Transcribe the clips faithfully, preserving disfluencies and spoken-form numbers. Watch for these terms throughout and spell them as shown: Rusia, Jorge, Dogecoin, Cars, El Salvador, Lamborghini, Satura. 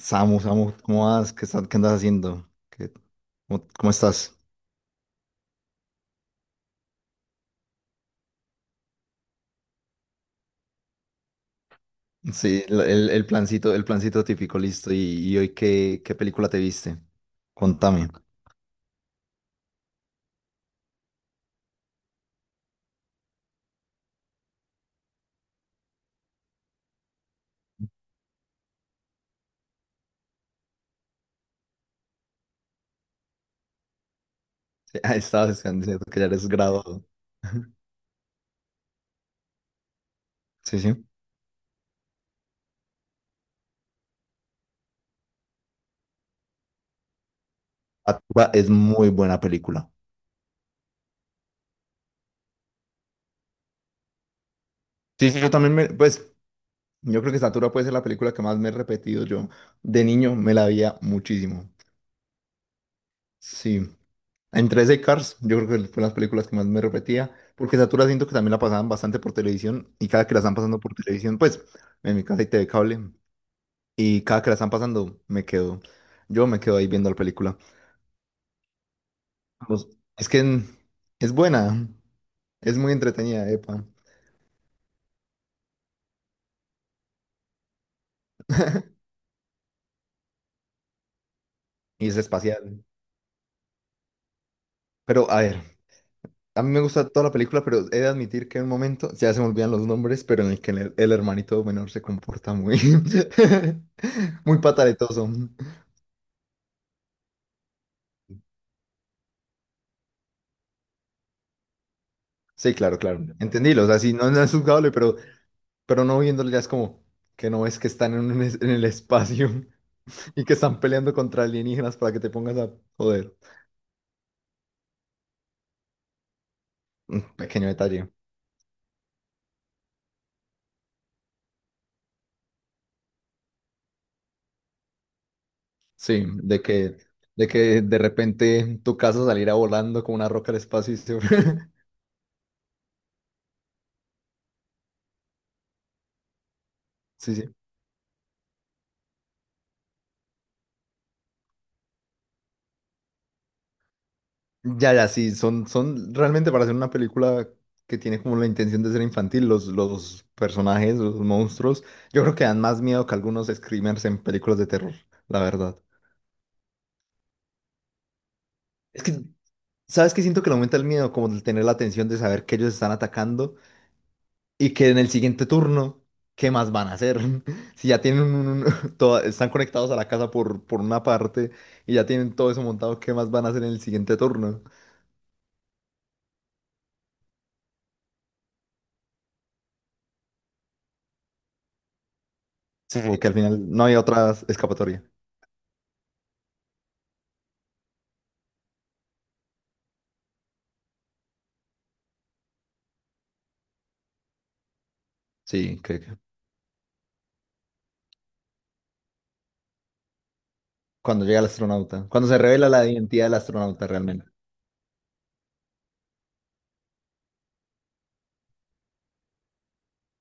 Samu, Samu, ¿cómo vas? ¿Qué, estás- qué andas haciendo? ¿Qué- cómo, cómo estás? Sí, la- el, el plancito, el plancito típico, listo. ¿Y, y hoy qué, qué película te viste? Contame. Sí, ah, estabas diciendo que ya eres graduado. Sí, sí. Satura es muy buena película. Sí, sí, yo también me, pues, yo creo que Satura puede ser la película que más me he repetido yo. De niño me la veía muchísimo. Sí. Entre ese y Cars, yo creo que fue las películas que más me repetía, porque Satura siento que también la pasaban bastante por televisión, y cada que la están pasando por televisión, pues, en mi casa hay T V cable, y cada que la están pasando, me quedo, yo me quedo ahí viendo la película. Pues, es que en- es buena, es muy entretenida, epa, y es espacial. Pero, a ver, a mí me gusta toda la película, pero he de admitir que en un momento, ya se me olvidan los nombres, pero en el que el, el hermanito menor se comporta muy, muy pataletoso. Sí, claro, claro. Entendílo. O sea, si no, no es juzgable, pero, pero no viéndolo ya es como que no ves que están en, un es- en el espacio y que están peleando contra alienígenas para que te pongas a joder. Un pequeño detalle. Sí, de que, de que de repente tu casa saliera volando como una roca al espacio y se... Sí, sí. Ya, ya, sí, son, son realmente para hacer una película que tiene como la intención de ser infantil, los, los personajes, los monstruos, yo creo que dan más miedo que algunos screamers en películas de terror, la verdad. Es que ¿Sabes qué? Siento que le aumenta el miedo, como el tener la atención de saber que ellos están atacando y que en el siguiente turno, ¿qué más van a hacer? Si ya tienen un, un- toda- están conectados a la casa por, por una parte y ya tienen todo eso montado, ¿qué más van a hacer en el siguiente turno? Sí. Y que al final no hay otra escapatoria. Sí, que que cuando llega el astronauta, cuando se revela la identidad del astronauta realmente.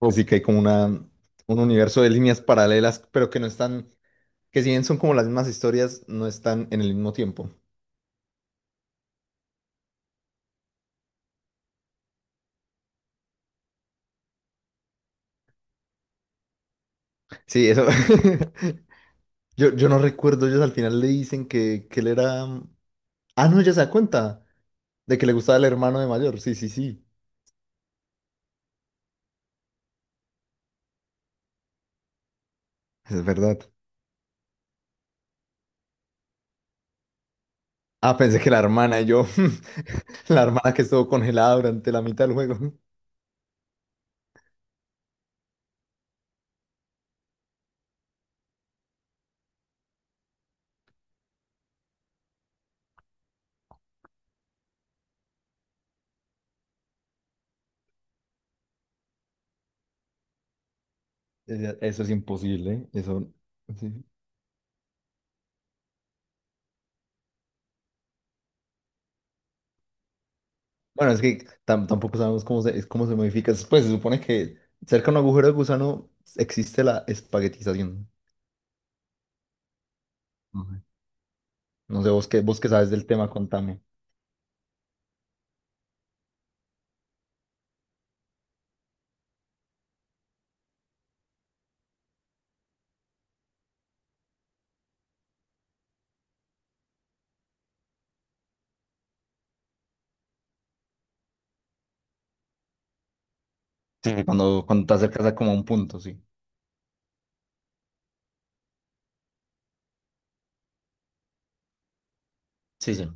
Así que hay como una, un universo de líneas paralelas, pero que no están, que si bien son como las mismas historias, no están en el mismo tiempo. Sí, eso. Yo, yo no recuerdo, ellos al final le dicen que, que él era... mm, ah, no, ella se da cuenta de que le gustaba el hermano de mayor. Sí, sí, sí. Es verdad. Ah, pensé que la hermana y yo, la hermana que estuvo congelada durante la mitad del juego. Ella- eso es imposible, ¿eh? Eso... sí. Bueno, es que tam- tampoco sabemos cómo se, es- cómo se modifica. Pues se supone que cerca de un agujero de gusano existe la espaguetización. No sé, no sé, vos qué, vos qué sabes del tema, contame. Sí, cuando, cuando te acercas a como a un punto, sí. Sí, sí.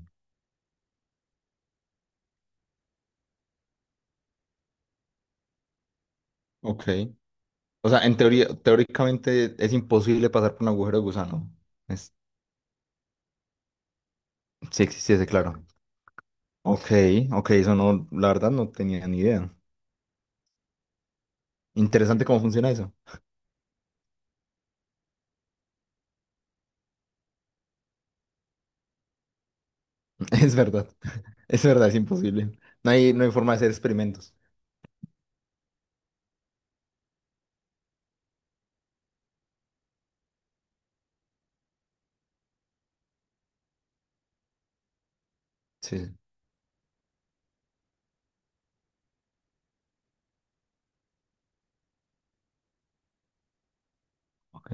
Ok. O sea, en teoría, teóricamente es imposible pasar por un agujero de gusano. Es, sí existiese, claro. Ok, ok, eso no, la verdad no tenía ni idea. Interesante cómo funciona eso. Es verdad. Es verdad, es imposible. No hay, no hay forma de hacer experimentos. Sí, sí. Ok.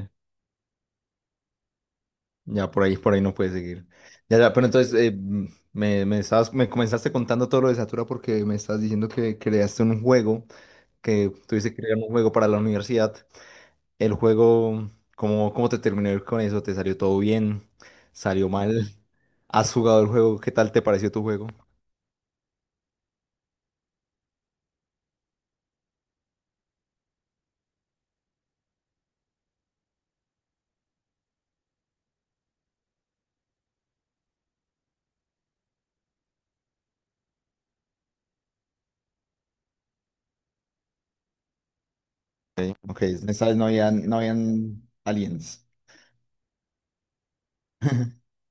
Ya por ahí, por ahí no puedes seguir. Ya, ya, pero entonces eh, mm, me, me estabas, me comenzaste contando todo lo de Satura porque me estabas diciendo que creaste un juego, que tuviste que crear un juego para la universidad. El juego, ¿cómo, cómo te terminó con eso? ¿Te salió todo bien? ¿Salió mal? ¿Has jugado el juego? ¿Qué tal te pareció tu juego? Ok, ok, en esta vez no habían, no habían aliens.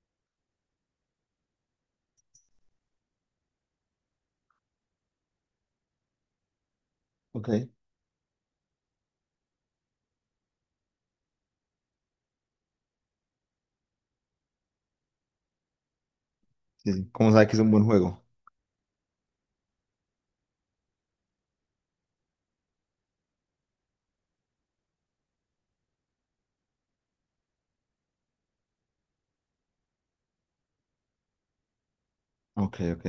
Ok, sí, sí. ¿Cómo sabes que es un buen juego? Ok, ok.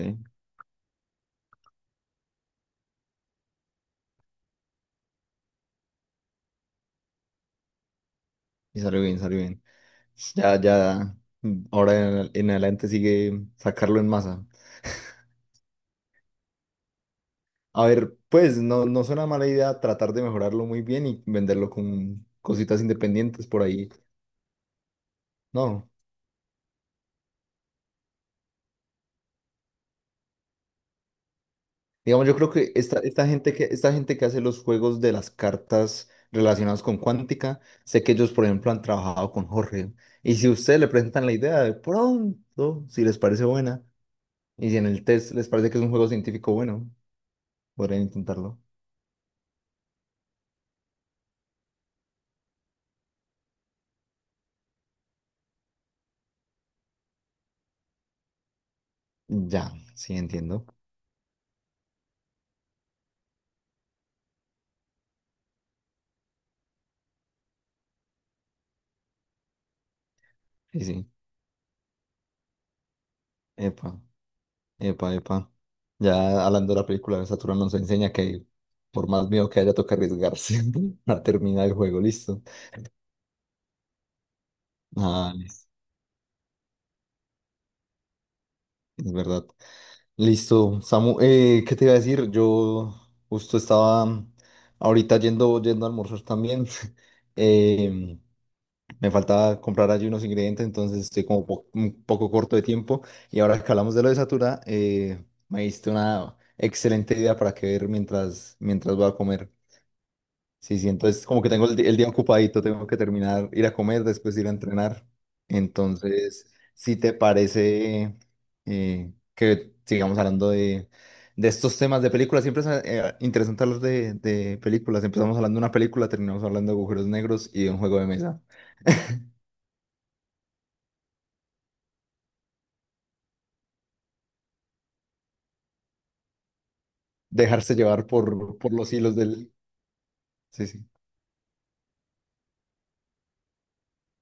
Y salió bien, salió bien. Ya, ya, mm, ahora en, en adelante sigue sacarlo en masa. A ver, pues no, no suena mala idea tratar de mejorarlo muy bien y venderlo con cositas independientes por ahí. No. Digamos, yo creo que esta, esta gente que, esta gente que hace los juegos de las cartas relacionadas con cuántica, sé que ellos, por ejemplo, han trabajado con Jorge. Y si ustedes le presentan la idea de pronto, si les parece buena, y si en el test les parece que es un juego científico bueno, podrían intentarlo. Ya, sí, entiendo. Sí, sí. Epa, epa, epa. Ya hablando de la película de Saturno nos enseña que por más miedo que haya, toca arriesgarse a terminar el juego, listo. Ah, listo, es verdad. Listo, Samu, eh, ¿qué te iba a decir? Yo justo estaba ahorita yendo, yendo a almorzar también. Em, me faltaba comprar allí unos ingredientes, entonces estoy como po- un poco corto de tiempo. Y ahora que hablamos de lo de Satura, eh, me diste una excelente idea para que ver mientras, mientras voy a comer. Sí, sí, entonces como que tengo el, di- el día ocupadito, tengo que terminar, ir a comer, después ir a entrenar. Entonces, si te parece eh, que sigamos hablando de, de estos temas de películas, siempre es eh, interesante hablar de, de películas. Empezamos hablando de una película, terminamos hablando de agujeros negros y de un juego de mesa. Dejarse llevar por, por los hilos del... Sí, sí,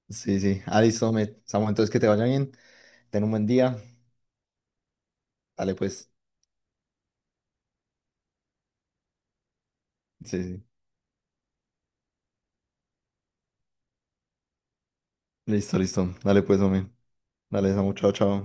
sí, sí. Ah, listo, me, Samu, entonces que te vaya bien, ten un buen día. Dale pues. Sí, sí. Listo, listo. Dale pues, hombre. Dale, Samu, chao, chao.